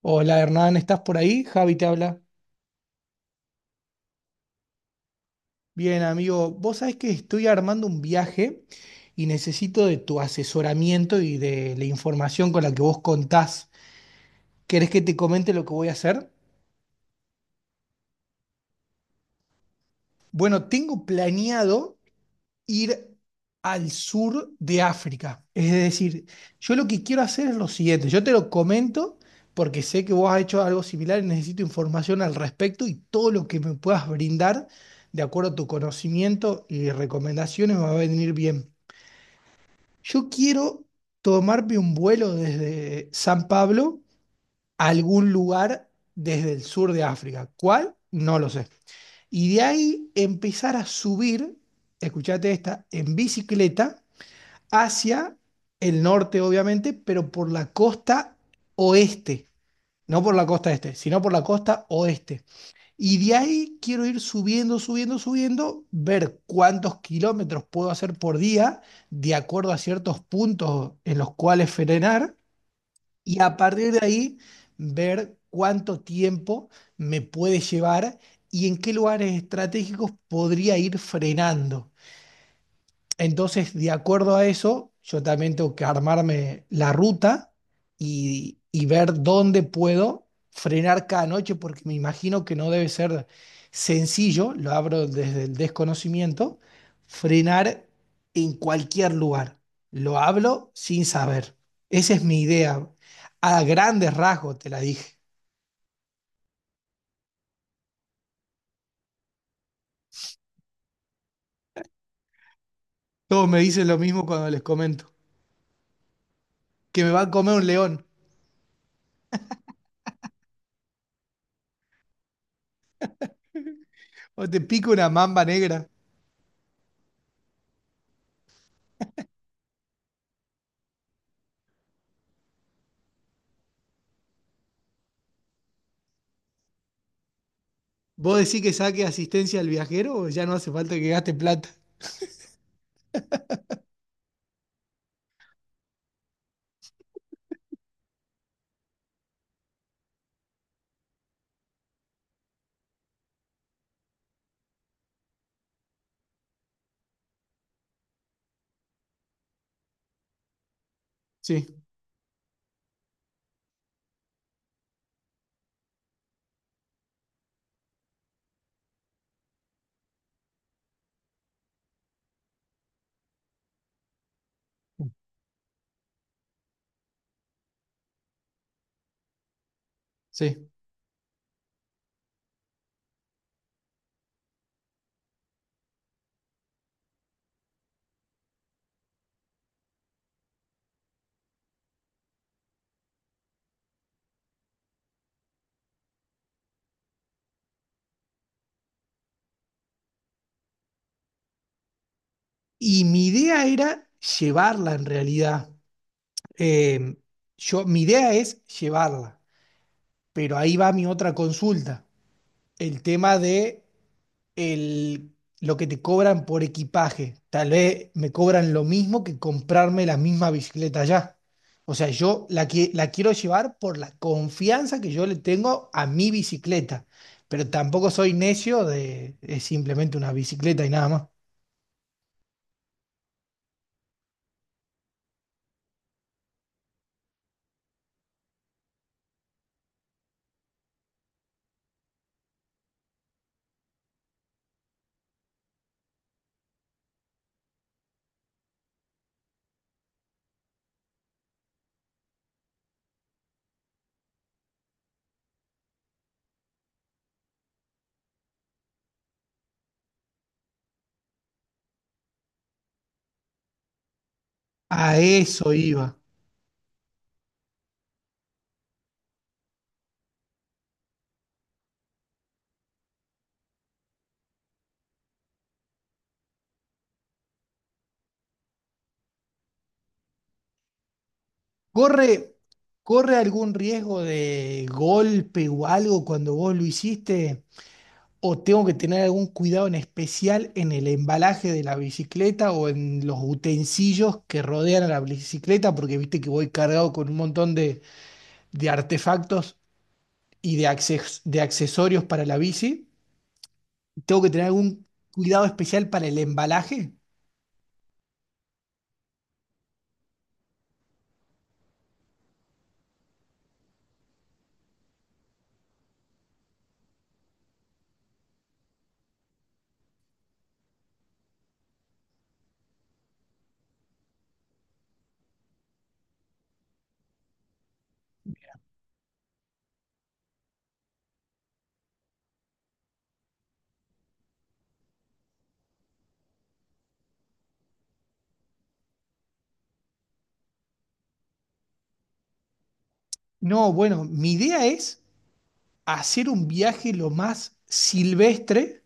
Hola Hernán, ¿estás por ahí? Javi te habla. Bien, amigo, vos sabés que estoy armando un viaje y necesito de tu asesoramiento y de la información con la que vos contás. ¿Querés que te comente lo que voy a hacer? Bueno, tengo planeado ir al sur de África. Es decir, yo lo que quiero hacer es lo siguiente, yo te lo comento porque sé que vos has hecho algo similar y necesito información al respecto y todo lo que me puedas brindar, de acuerdo a tu conocimiento y recomendaciones, me va a venir bien. Yo quiero tomarme un vuelo desde San Pablo a algún lugar desde el sur de África. ¿Cuál? No lo sé. Y de ahí empezar a subir, escuchate esta, en bicicleta hacia el norte, obviamente, pero por la costa oeste. No por la costa este, sino por la costa oeste. Y de ahí quiero ir subiendo, subiendo, subiendo, ver cuántos kilómetros puedo hacer por día de acuerdo a ciertos puntos en los cuales frenar y a partir de ahí ver cuánto tiempo me puede llevar y en qué lugares estratégicos podría ir frenando. Entonces, de acuerdo a eso, yo también tengo que armarme la ruta y ver dónde puedo frenar cada noche, porque me imagino que no debe ser sencillo, lo abro desde el desconocimiento, frenar en cualquier lugar. Lo hablo sin saber. Esa es mi idea. A grandes rasgos te la dije. Todos me dicen lo mismo cuando les comento, que me va a comer un león o te pica una mamba negra. ¿Vos decís que saque asistencia al viajero o ya no hace falta que gaste plata? Sí, sí. Y mi idea era llevarla en realidad. Eh, yo, mi idea es llevarla, pero ahí va mi otra consulta. El tema de el, lo que te cobran por equipaje. Tal vez me cobran lo mismo que comprarme la misma bicicleta allá. O sea, yo la, la quiero llevar por la confianza que yo le tengo a mi bicicleta, pero tampoco soy necio de es simplemente una bicicleta y nada más. A eso iba. ¿Corre, corre algún riesgo de golpe o algo cuando vos lo hiciste? ¿O tengo que tener algún cuidado en especial en el embalaje de la bicicleta o en los utensilios que rodean a la bicicleta? Porque viste que voy cargado con un montón de artefactos y de, de accesorios para la bici. ¿Tengo que tener algún cuidado especial para el embalaje? No, bueno, mi idea es hacer un viaje lo más silvestre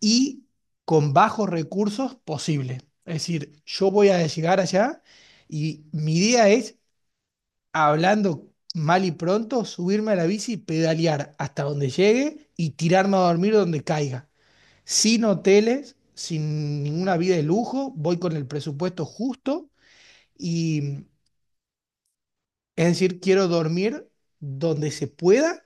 y con bajos recursos posible. Es decir, yo voy a llegar allá y mi idea es hablando mal y pronto, subirme a la bici, pedalear hasta donde llegue y tirarme a dormir donde caiga. Sin hoteles, sin ninguna vida de lujo, voy con el presupuesto justo y es decir, quiero dormir donde se pueda,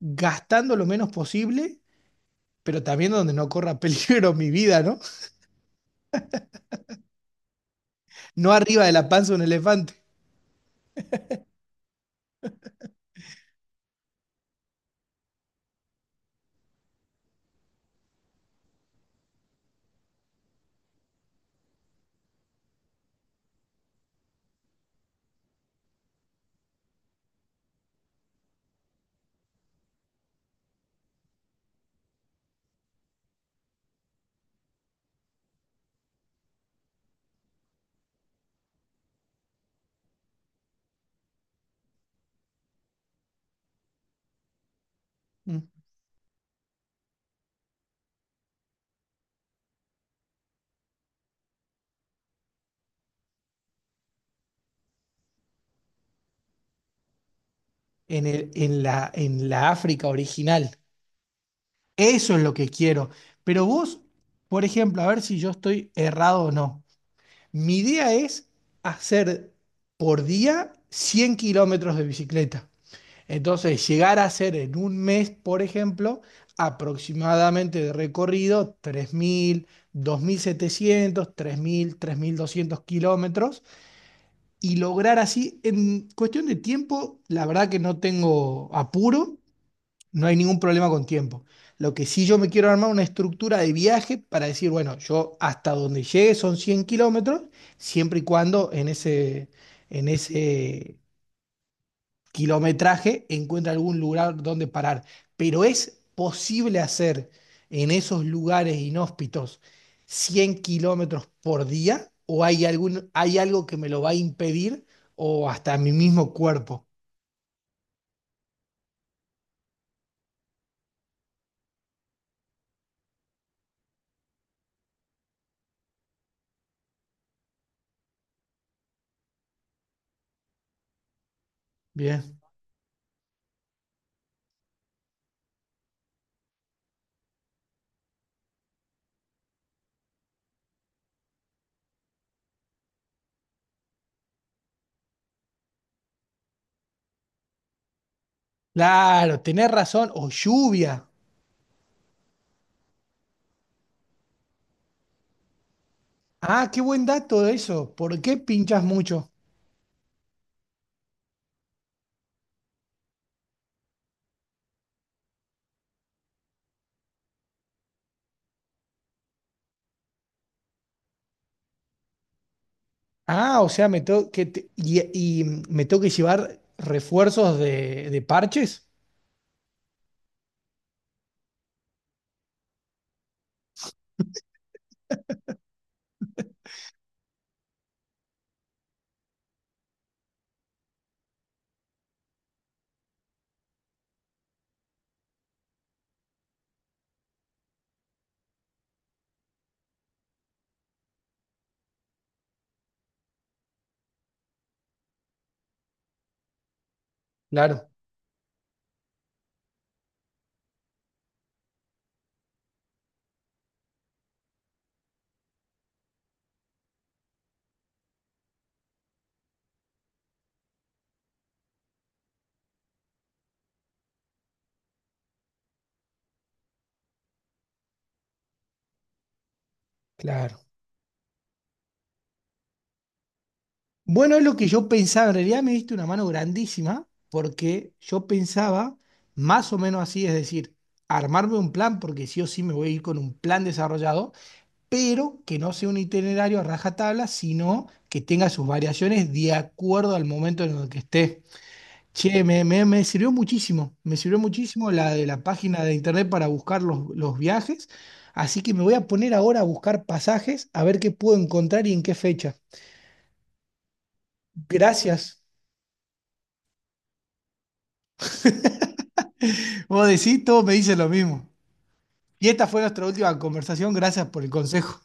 gastando lo menos posible, pero también donde no corra peligro mi vida, ¿no? No arriba de la panza de un elefante. Mm. En en la África original. Eso es lo que quiero. Pero vos, por ejemplo, a ver si yo estoy errado o no. Mi idea es hacer por día 100 kilómetros de bicicleta. Entonces, llegar a hacer en un mes, por ejemplo, aproximadamente de recorrido 3.000, 2.700, 3.000 3.200 kilómetros y lograr así, en cuestión de tiempo, la verdad que no tengo apuro. No hay ningún problema con tiempo. Lo que sí yo me quiero armar una estructura de viaje para decir, bueno, yo hasta donde llegue son 100 kilómetros, siempre y cuando en ese kilometraje encuentre algún lugar donde parar. Pero es posible hacer en esos lugares inhóspitos 100 kilómetros por día o hay algún, hay algo que me lo va a impedir o hasta mi mismo cuerpo. Bien. Claro, tenés razón. O lluvia. Ah, qué buen dato eso. ¿Por qué pinchas mucho? Ah, o sea, me tengo que me tengo que llevar refuerzos de parches. Claro, claro. Bueno, es lo que yo pensaba. En realidad me diste una mano grandísima porque yo pensaba más o menos así, es decir, armarme un plan porque sí o sí me voy a ir con un plan desarrollado, pero que no sea un itinerario a rajatabla, sino que tenga sus variaciones de acuerdo al momento en el que esté. Che, me, me sirvió muchísimo la de la página de internet para buscar los viajes, así que me voy a poner ahora a buscar pasajes, a ver qué puedo encontrar y en qué fecha. Gracias. Vos decís, todos me dicen lo mismo. Y esta fue nuestra última conversación, gracias por el consejo.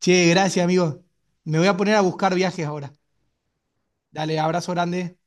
Che, gracias, amigo. Me voy a poner a buscar viajes ahora. Dale, abrazo grande.